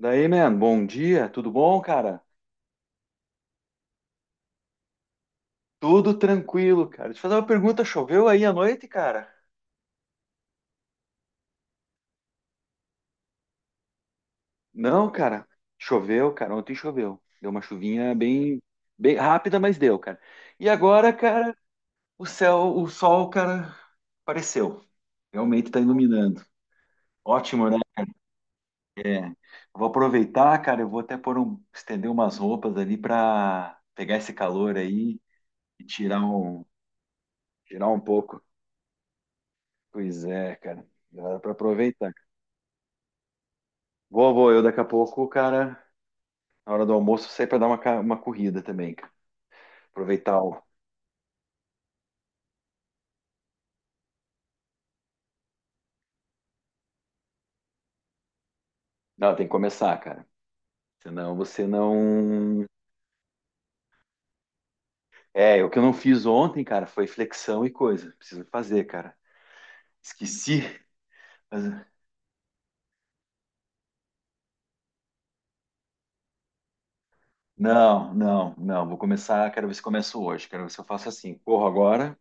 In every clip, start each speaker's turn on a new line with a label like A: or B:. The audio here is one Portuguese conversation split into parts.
A: Daí, man, bom dia, tudo bom, cara? Tudo tranquilo, cara. Deixa eu fazer uma pergunta, choveu aí à noite, cara? Não, cara, choveu, cara, ontem choveu. Deu uma chuvinha bem, bem rápida, mas deu, cara. E agora, cara, o céu, o sol, cara, apareceu. Realmente tá iluminando. Ótimo, né? É. Vou aproveitar, cara, eu vou até pôr um, estender umas roupas ali pra pegar esse calor aí e tirar um pouco. Pois é, cara, dá pra aproveitar. Vou, vou. Eu daqui a pouco, cara, na hora do almoço, sair pra dar uma corrida também, cara. Aproveitar o. Não, tem que começar, cara. Senão você não. É, é, o que eu não fiz ontem, cara, foi flexão e coisa. Preciso fazer, cara. Esqueci. Mas- Não, não, não. Vou começar. Quero ver se começo hoje. Quero ver se eu faço assim. Corro agora.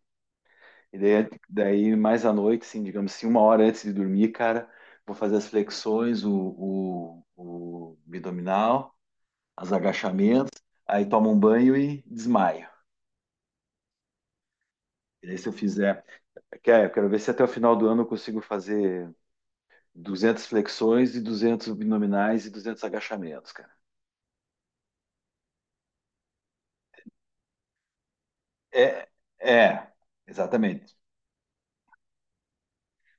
A: E daí mais à noite, assim, digamos assim, uma hora antes de dormir, cara, vou fazer as flexões, o abdominal. Os agachamentos, aí tomo um banho e desmaio. E daí se eu fizer, eu quero ver se até o final do ano eu consigo fazer 200 flexões e 200 abdominais e 200 agachamentos, cara. É, é, exatamente.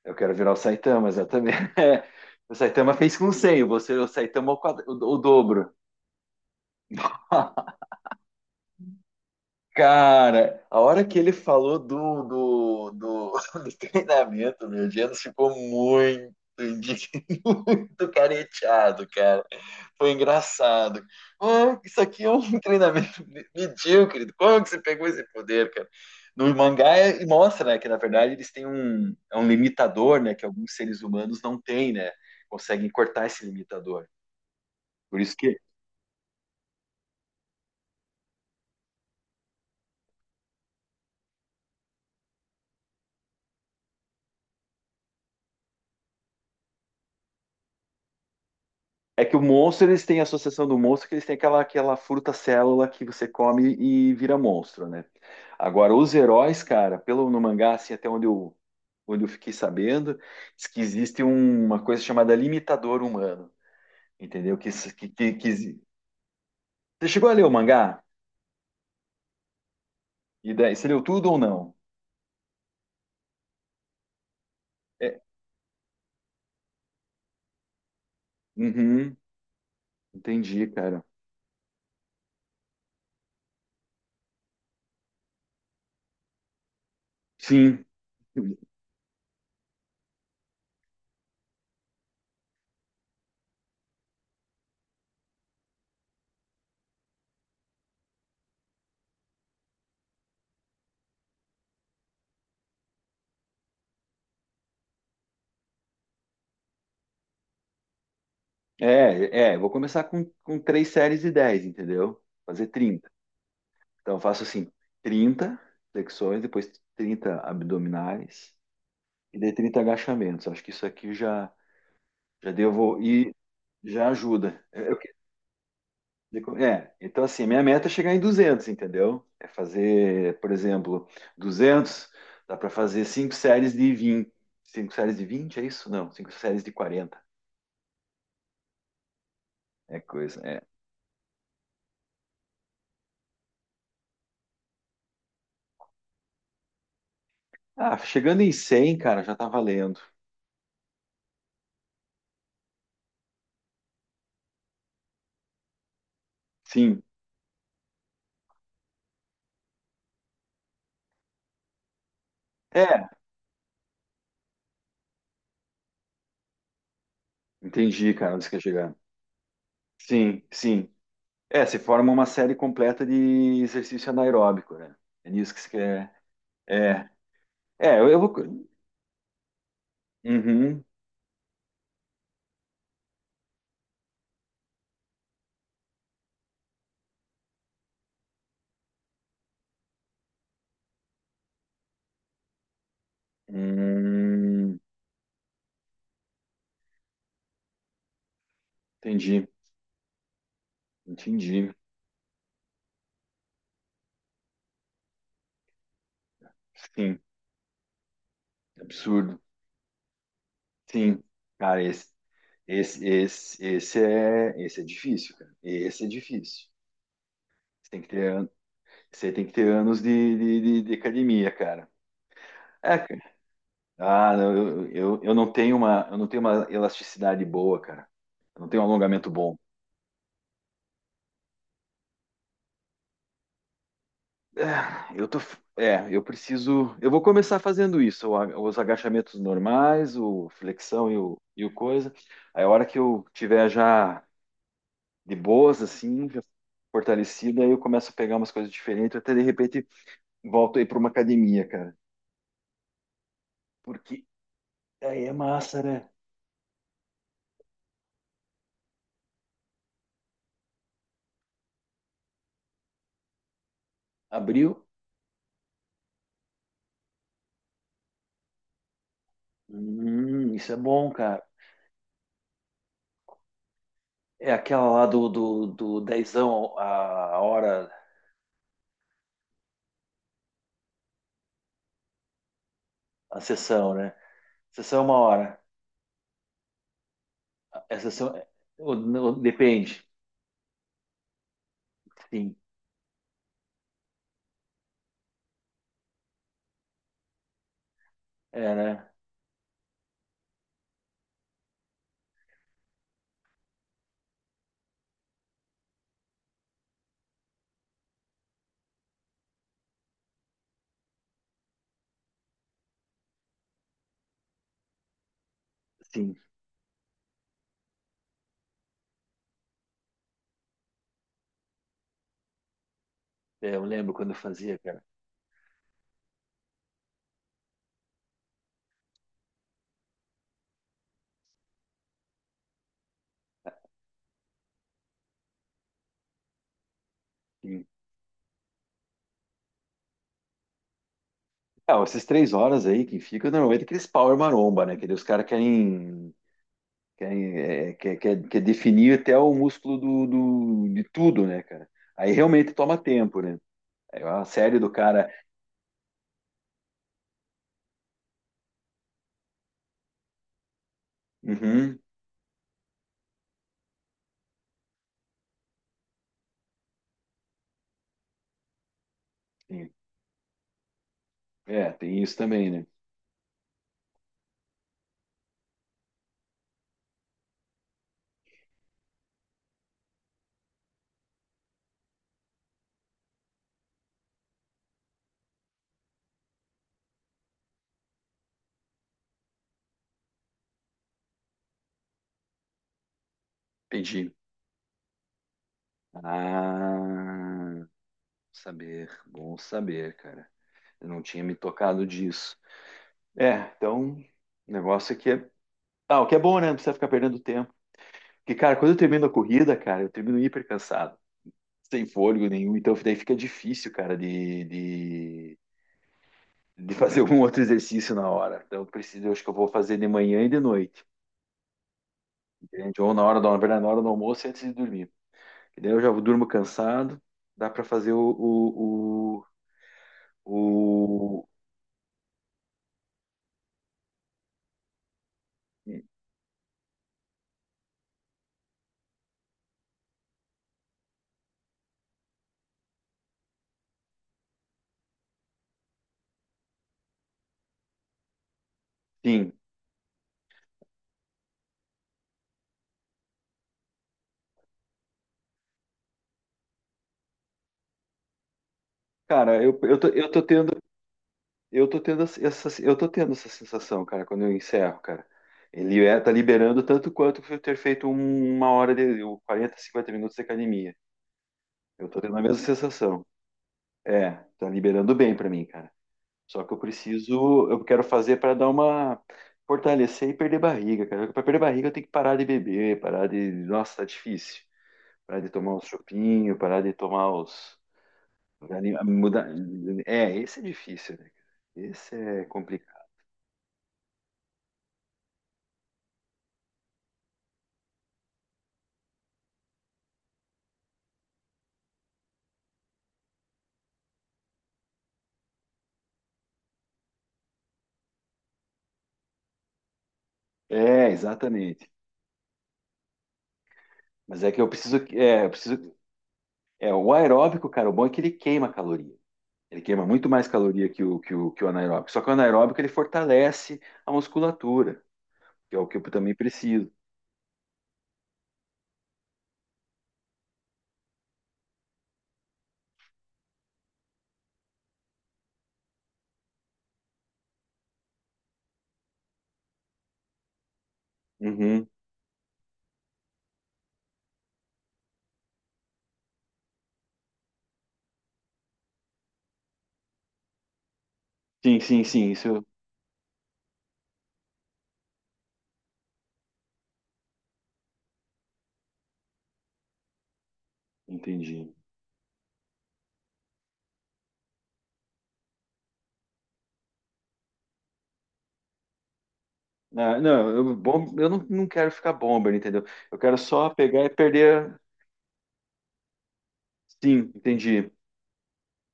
A: Eu quero virar o Saitama, exatamente. O Saitama fez com 100, você, o Saitama é o, o dobro. Cara, a hora que ele falou do treinamento, meu Diano ficou indi- muito careteado, cara. Foi engraçado. Ah, isso aqui é um treinamento medíocre. Como que você pegou esse poder, cara? No mangá mostra, né, que na verdade eles têm é um limitador, né, que alguns seres humanos não têm, né? Conseguem cortar esse limitador. Por isso que é que o monstro eles têm a associação do monstro que eles têm aquela fruta célula que você come e vira monstro, né? Agora os heróis, cara, pelo no mangá assim até onde eu fiquei sabendo, diz que existe uma coisa chamada limitador humano. Entendeu? Você chegou a ler o mangá? E daí, você leu tudo ou não? É, uhum, entendi, cara. Sim. É, é, vou começar com três séries de 10, entendeu? Fazer 30. Então eu faço assim, 30 flexões, depois 30 abdominais e daí 30 agachamentos. Acho que isso aqui já já devo e já ajuda. É, eu, é, então assim, a minha meta é chegar em 200, entendeu? É fazer, por exemplo, 200, dá para fazer cinco séries de 20, cinco séries de 20 é isso? Não, cinco séries de 40. É coisa, é. Ah, chegando em 100, cara, já tá valendo. Sim. É, entendi, cara, onde você quer chegar. Sim, sim. É, se forma uma série completa de exercício anaeróbico, né? É nisso que você quer. É, é, eu vou. Uhum. Hum, entendi, entendi. Sim. Absurdo. Sim, cara, esse é difícil, cara. Esse é difícil. Você tem que ter anos de academia, cara. É, cara. Ah, não, eu não tenho uma elasticidade boa, cara. Eu não tenho um alongamento bom. É, eu tô, eu preciso, eu vou começar fazendo isso, os agachamentos normais, o flexão e o coisa. Aí a hora que eu tiver já de boas, assim, já fortalecida, aí eu começo a pegar umas coisas diferentes, até de repente volto aí para uma academia, cara. Porque aí é massa, né? Abriu? Isso é bom, cara. É aquela lá do dezão a hora, a sessão, né? Sessão é uma hora. A sessão, depende. Sim, é, né? Sim, é, eu lembro quando eu fazia, cara. Sim. Ah, essas 3 horas aí que fica, normalmente aqueles power maromba, né? Que daí os caras querem Quer, é, quer, quer, quer definir até o músculo de tudo, né, cara? Aí realmente toma tempo, né? É uma série do cara. Uhum, sim. É, tem isso também, né? Entendi. Ah, bom saber, cara. Eu não tinha me tocado disso. É, então, o negócio aqui é. Ah, o que é bom, né? Não precisa ficar perdendo tempo. Porque, cara, quando eu termino a corrida, cara, eu termino hiper cansado, sem fôlego nenhum. Então, daí fica difícil, cara, de fazer algum outro exercício na hora. Então, eu preciso, eu acho que eu vou fazer de manhã e de noite, entende? Ou na verdade, na hora do almoço e antes de dormir. E daí eu já durmo cansado, dá para fazer. O, o... Sim. Cara, eu tô tendo essa sensação, cara, quando eu encerro, cara. Tá liberando tanto quanto eu ter feito uma hora de 40, 50 minutos de academia. Eu tô tendo a mesma sensação. É, tá liberando bem para mim, cara. Só que eu quero fazer para dar uma fortalecer e perder barriga, cara. Para perder barriga eu tenho que parar de beber, parar de, nossa, tá difícil. Parar de tomar os chopinhos, parar de tomar os mudar. É, esse é difícil, né, cara? Esse é complicado. É, exatamente. Mas é que eu preciso, o aeróbico, cara, o bom é que ele queima caloria. Ele queima muito mais caloria que o anaeróbico. Só que o anaeróbico ele fortalece a musculatura, que é o que eu também preciso. Uhum. Sim, sim, sim, isso eu entendi. Ah, não, eu não quero ficar bomber, entendeu? Eu quero só pegar e perder. Sim, entendi.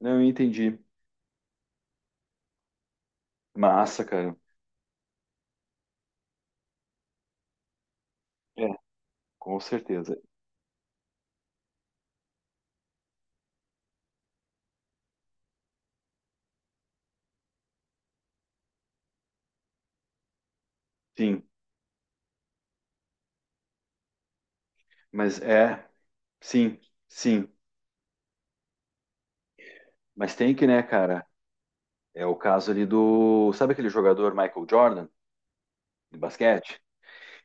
A: Não, eu entendi. Massa, cara. É, com certeza. Sim, mas é, sim, sim. Mas tem que, né, cara? É o caso ali do. Sabe aquele jogador Michael Jordan, de basquete?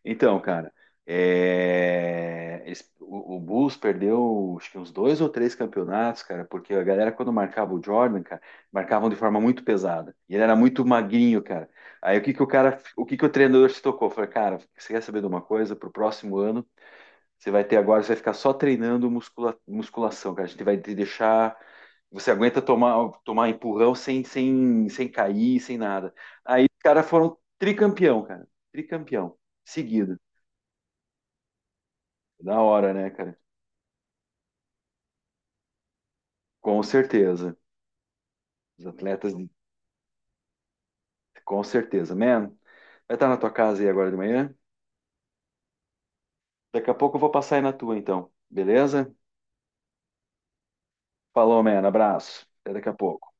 A: Então, cara, é, o Bulls perdeu, acho que uns dois ou três campeonatos, cara, porque a galera, quando marcava o Jordan, cara, marcavam de forma muito pesada. E ele era muito magrinho, cara. Aí o que que o que que o treinador se tocou? Falei, cara, você quer saber de uma coisa? Pro próximo ano, você vai ficar só treinando musculação, cara. A gente vai te deixar. Você aguenta tomar empurrão sem cair, sem nada. Aí os caras foram tricampeão, cara. Tricampeão seguido. Da hora, né, cara? Com certeza. Os atletas, com certeza. Man, vai estar na tua casa aí agora de manhã? Daqui a pouco eu vou passar aí na tua, então. Beleza? Falou, man. Abraço. Até daqui a pouco.